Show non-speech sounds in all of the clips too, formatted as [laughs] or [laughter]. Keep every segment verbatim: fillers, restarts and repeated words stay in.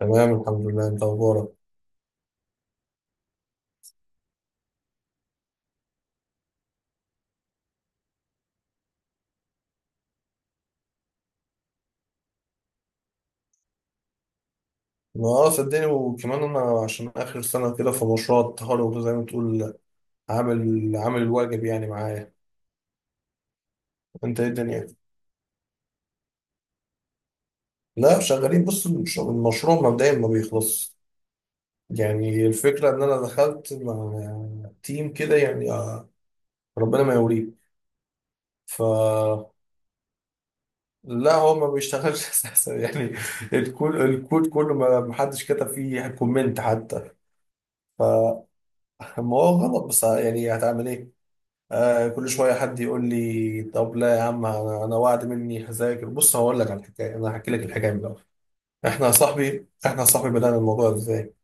تمام، الحمد لله. انت اخبارك؟ ما اه صدقني، وكمان انا عشان اخر سنه كده في مشروع التخرج وزي ما تقول عامل عامل الواجب يعني معايا. انت ايه الدنيا؟ لا، شغالين. بص، المش- المشروع مبدئيا ما بيخلص. يعني الفكره ان انا دخلت مع تيم كده يعني، آه، ربنا ما يوريه. ف لا هو ما بيشتغلش [laughs] اساسا يعني. الكود الكود كله ما ما حدش كتب فيه كومنت حتى. فما هو غلط، بس يعني هتعمل ايه؟ آه كل شويه حد يقول لي طب لا يا عم، انا أنا وعد مني هذاكر. بص، هقول لك على الحكايه، انا هحكي لك الحكايه من الاول. احنا يا صاحبي احنا يا صاحبي بدانا الموضوع ازاي؟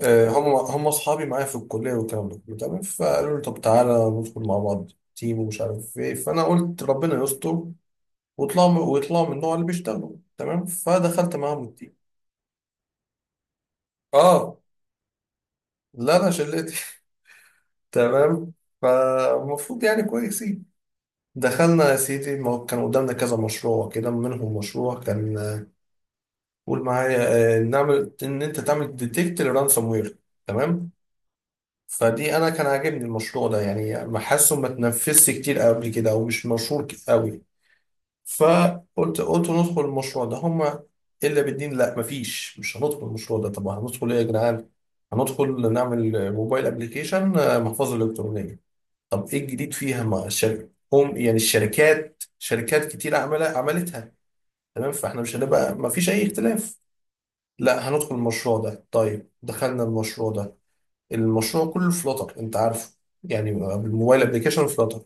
آه هم هم اصحابي معايا في الكليه والكلام ده كله، تمام، فقالوا لي طب تعالى ندخل مع بعض تيم ومش عارف ايه، فانا قلت ربنا يستر ويطلعوا من- ويطلعوا من النوع اللي بيشتغلوا، تمام. فدخلت معاهم التيم. اه، لا، انا شلتي. [laughs] تمام. فالمفروض يعني كويسين. دخلنا يا سيدي، ما هو كان قدامنا كذا مشروع كده، منهم مشروع كان قول معايا آه، نعمل ان انت تعمل ديتكت للرانسوم وير، تمام. فدي انا كان عاجبني المشروع ده، يعني ما حاسه ما اتنفذش كتير قبل كده او مش مشهور ك- قوي. فقلت قلت ندخل المشروع ده، هما الا بالدين. لا مفيش، مش هندخل المشروع ده. طب هندخل ايه يا جدعان؟ هندخل نعمل موبايل ابلكيشن، محفظه الكترونيه. طب ايه الجديد فيها مع الشركه؟ هم يعني الشركات شركات كتير عملها عملتها، تمام. فاحنا مش هنبقى، مفيش اي اختلاف. لا، هندخل المشروع ده. طيب، دخلنا المشروع ده. المشروع كله فلوتر، انت عارفه، يعني الموبايل ابلكيشن فلوتر.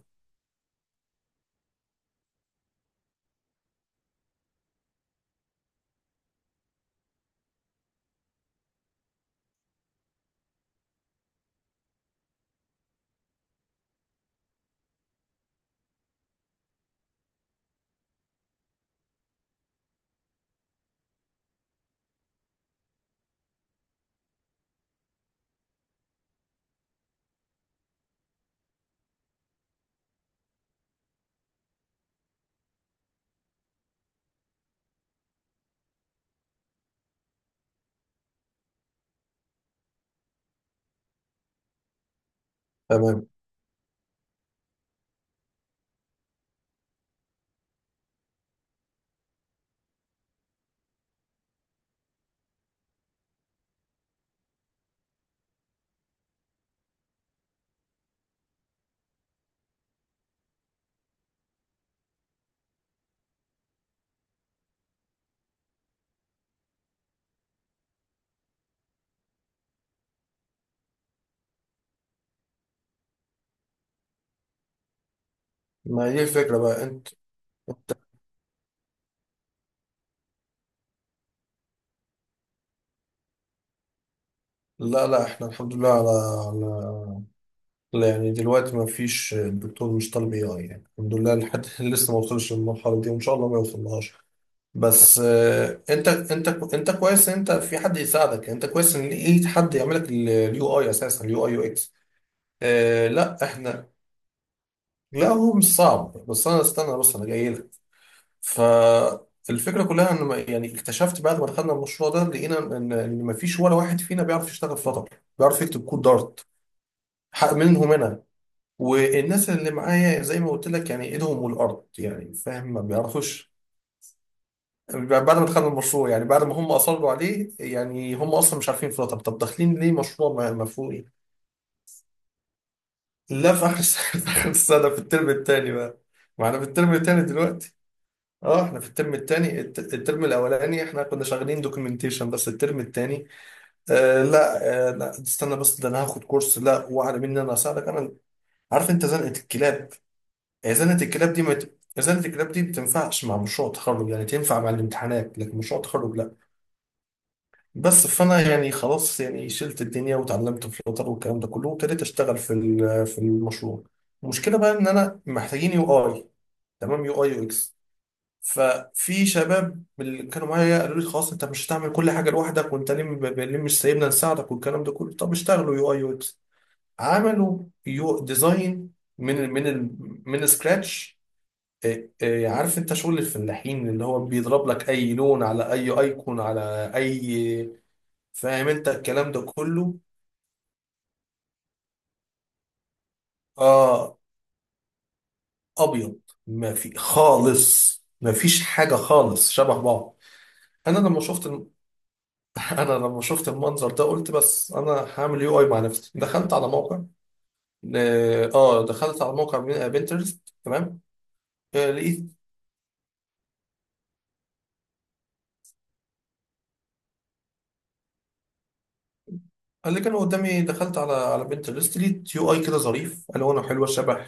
تمام. ما هي الفكرة بقى؟ انت انت لا، لا، احنا الحمد لله على, على لا يعني دلوقتي ما فيش، الدكتور مش طالب اي اي يعني، الحمد لله لحد [laughs] لسه ما وصلش للمرحلة دي، وان شاء الله ما يوصلهاش. بس آه، انت انت انت كويس ان انت في حد يساعدك، انت كويس ان لقيت حد يعمل لك اليو اي، اساسا اليو اي يو اكس. لا احنا. لا، هو مش صعب، بس انا استنى، بس انا جاي لك. فالفكره كلها ان ما- يعني اكتشفت بعد ما دخلنا المشروع ده لقينا ان ان ما فيش ولا واحد فينا بيعرف يشتغل فلاتر، بيعرف يكتب كود دارت. حق منهم انا، والناس اللي معايا زي ما قلت لك يعني ايدهم والارض يعني، فاهم، ما بيعرفوش. بعد ما دخلنا المشروع، يعني بعد ما هم اصروا عليه، يعني هم اصلا مش عارفين فلاتر. طب داخلين ليه مشروع ما ما فوق إيه؟ لا، في اخر السنه، [laughs] في اخر السنه، في الترم الثاني بقى. ما احنا في الترم الثاني دلوقتي. اه، احنا في الترم الثاني. الترم الاولاني احنا كنا شغالين دوكيومنتيشن بس، الترم الثاني آه لا، آه لا، استنى بس. ده انا هاخد كورس، لا، واعلى مني انا اساعدك. انا عارف، انت زنقه الكلاب. هي زنقه الكلاب دي ما ت- زنقه الكلاب دي ما تنفعش مع مشروع تخرج، يعني تنفع مع الامتحانات لكن مشروع تخرج لا. بس فانا يعني خلاص، يعني شلت الدنيا وتعلمت فلوتر والكلام ده كله، وابتديت اشتغل في ال- في المشروع. المشكله بقى ان انا محتاجين يو اي، تمام، يو اي يو اكس. ففي شباب من اللي كانوا معايا قالوا لي خلاص انت مش هتعمل كل حاجه لوحدك، وانت ليه ب- ب- ليه مش سايبنا نساعدك، والكلام ده كله. طب اشتغلوا يو اي يو اكس، عملوا يو ديزاين من ال من ال من سكراتش. آه، آه، عارف انت شغل الفلاحين، اللي هو بيضرب لك اي لون على اي ايكون على اي. فاهم انت الكلام ده كله. اه، ابيض. ما في خالص، ما فيش حاجه خالص شبه بعض. انا لما شفت [laughs] انا لما شفت المنظر ده قلت بس انا هعمل يو اي مع نفسي. دخلت على موقع، اه آه، دخلت على موقع بنترست، تمام. آه لقيت اللي كان قدامي، دخلت على على بنترست، لقيت يو اي كده ظريف، الوانه حلوه شبه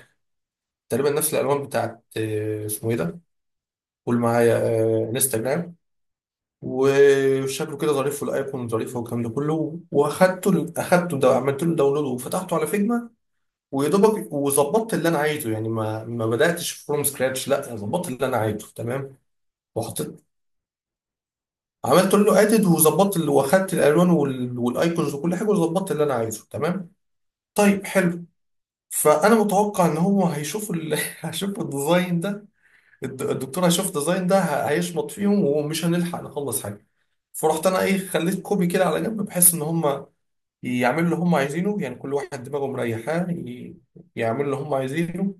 تقريبا نفس الالوان بتاعت آه اسمه ايه ده؟ قول معايا. آه انستجرام. وشكله كده ظريف والايقون ظريفه والكلام ده كله، واخدته اخدته ده، عملت له داونلود وفتحته على فيجما ويا دوبك، وظبطت اللي انا عايزه يعني، ما ما بداتش فروم سكراتش، لا ظبطت اللي انا عايزه، تمام. رحت عملت له ادد وظبطت ال- واخدت الالوان وال- والايكونز وكل حاجه، وظبطت اللي انا عايزه، تمام، طيب، حلو. فانا متوقع ان هو هيشوف ال... [laughs] هيشوف الديزاين ده. الد- الدكتور هيشوف الديزاين ده ه- هيشمط فيهم ومش هنلحق نخلص حاجه. فرحت انا ايه، خليت كوبي كده على جنب بحيث ان هم يعملوا اللي هم عايزينه، يعني كل واحد دماغه مريحاه ي- يعملوا اللي هم عايزينه.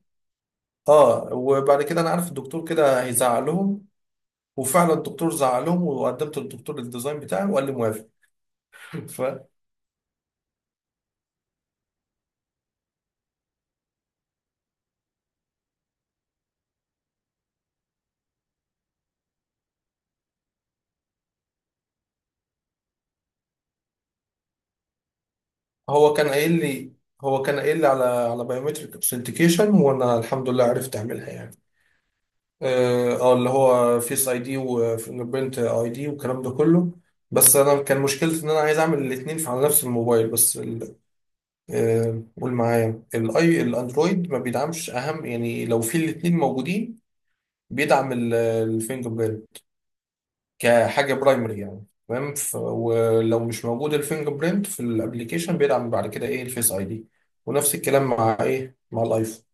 اه، وبعد كده انا عارف الدكتور كده هيزعق لهم. وفعلا الدكتور زعق لهم، وقدمت للدكتور الديزاين بتاعي وقال لي موافق. [laughs] هو كان قايل لي هو كان قايل لي على على بايومتريك اوثنتيكيشن، وانا الحمد لله عرفت اعملها يعني. اه، آه، اللي هو فيس اي دي وفينجربرنت اي دي والكلام ده كله. بس انا كان مشكلتي ان انا عايز اعمل الاثنين على نفس الموبايل، بس ال- آه، قول معايا. الاي الاندرويد ما بيدعمش، اهم يعني لو في الاثنين موجودين بيدعم الفينجر كحاجة برايمري يعني، تمام. ف- ولو مش موجود الفينجر برينت في الابليكيشن بيدعم بعد كده ايه الفيس اي دي. ونفس الكلام مع ايه مع الايفون.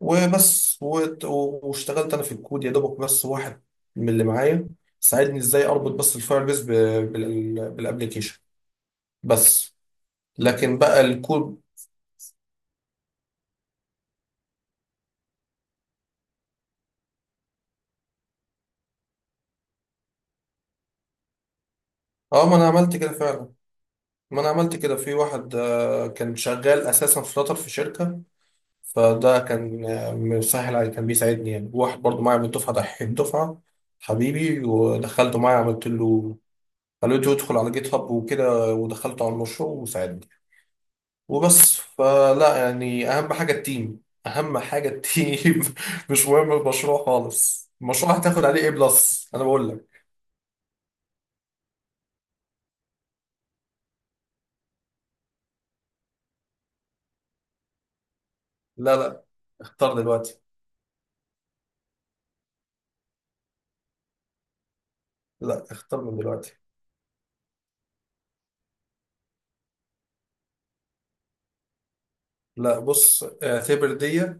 وبس وت- و- واشتغلت انا في الكود يا دوبك. بس واحد من اللي معايا ساعدني ازاي اربط بس الفاير بيس ب- بال- بالابليكيشن بس، لكن بقى الكود. اه، ما انا عملت كده فعلا. ما انا عملت كده، في واحد آه، كان شغال اساسا فلاتر في شركة، فده كان آه، مسهل علي، كان بيساعدني يعني، واحد برضه معايا من الدفعة، دحيح الدفعة، حبيبي، ودخلته معايا، عملت له، خليته يدخل على جيت هاب وكده، ودخلته على المشروع وساعدني. وبس، فلا يعني أهم حاجة التيم، أهم حاجة التيم. [laughs] مش مهم المشروع خالص، المشروع هتاخد عليه ايه بلس أنا بقول لك. لا، لا، اختار دلوقتي. لا، اختار من دلوقتي. لا، بص اعتبر دي.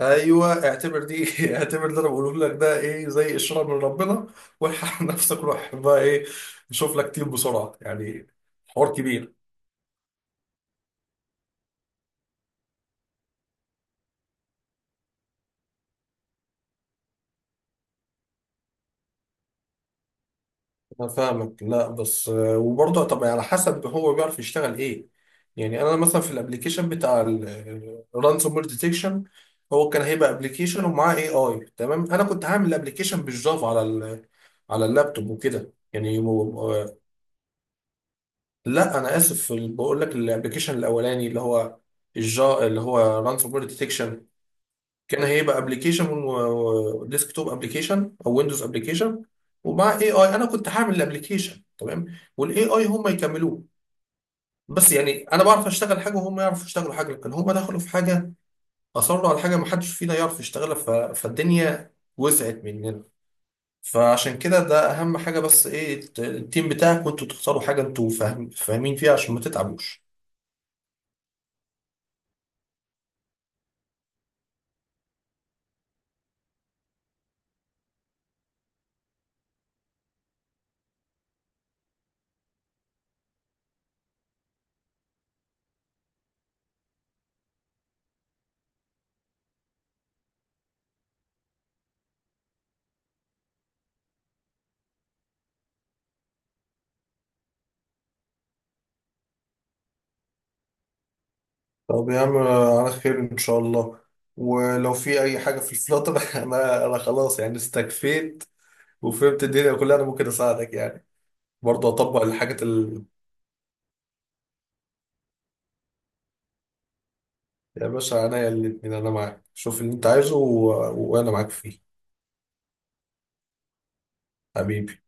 ايوه، اعتبر دي. [laughs] اعتبر اللي انا بقوله لك ده ايه زي اشاره من ربنا. والحق [laughs] نفسك، روح بقى ايه، شوف لك تيم بسرعه يعني. حوار كبير. انا فاهمك، لا بس آه، وبرضه، طب على حسب هو بيعرف يشتغل ايه. يعني انا مثلا في الابليكيشن بتاع الرانسوم وير ديتكشن، هو كان هيبقى ابلكيشن ومعاه اي اي، تمام. انا كنت هعمل الابلكيشن بالجافا على ال على اللابتوب وكده يعني. لا انا اسف، بقول لك الابلكيشن الاولاني اللي هو الجا اللي هو رانسوم وير ديتكشن، كان هيبقى ابلكيشن وديسكتوب ابلكيشن او ويندوز ابلكيشن، ومع اي اي. انا كنت هعمل الابلكيشن، تمام، والاي اي هم يكملوه. بس يعني انا بعرف اشتغل حاجه وهم يعرفوا يشتغلوا حاجه، لكن هم دخلوا في حاجه، اصروا على حاجه ما حدش فينا يعرف يشتغلها ف... فالدنيا وسعت مننا. فعشان كده ده اهم حاجه، بس ايه الت- التيم بتاعك وانتوا تختاروا حاجه انتوا فاهم... فاهمين فيها عشان ما تتعبوش. طب يا عم على خير ان شاء الله. ولو في اي حاجه في الفلاتر [laughs] انا انا خلاص يعني، استكفيت وفهمت الدنيا كلها، انا ممكن اساعدك يعني، برضه اطبق الحاجات ال... يا باشا عينيا الاتنين، انا معاك، شوف اللي انت عايزه و... وانا معاك فيه. حبيبي.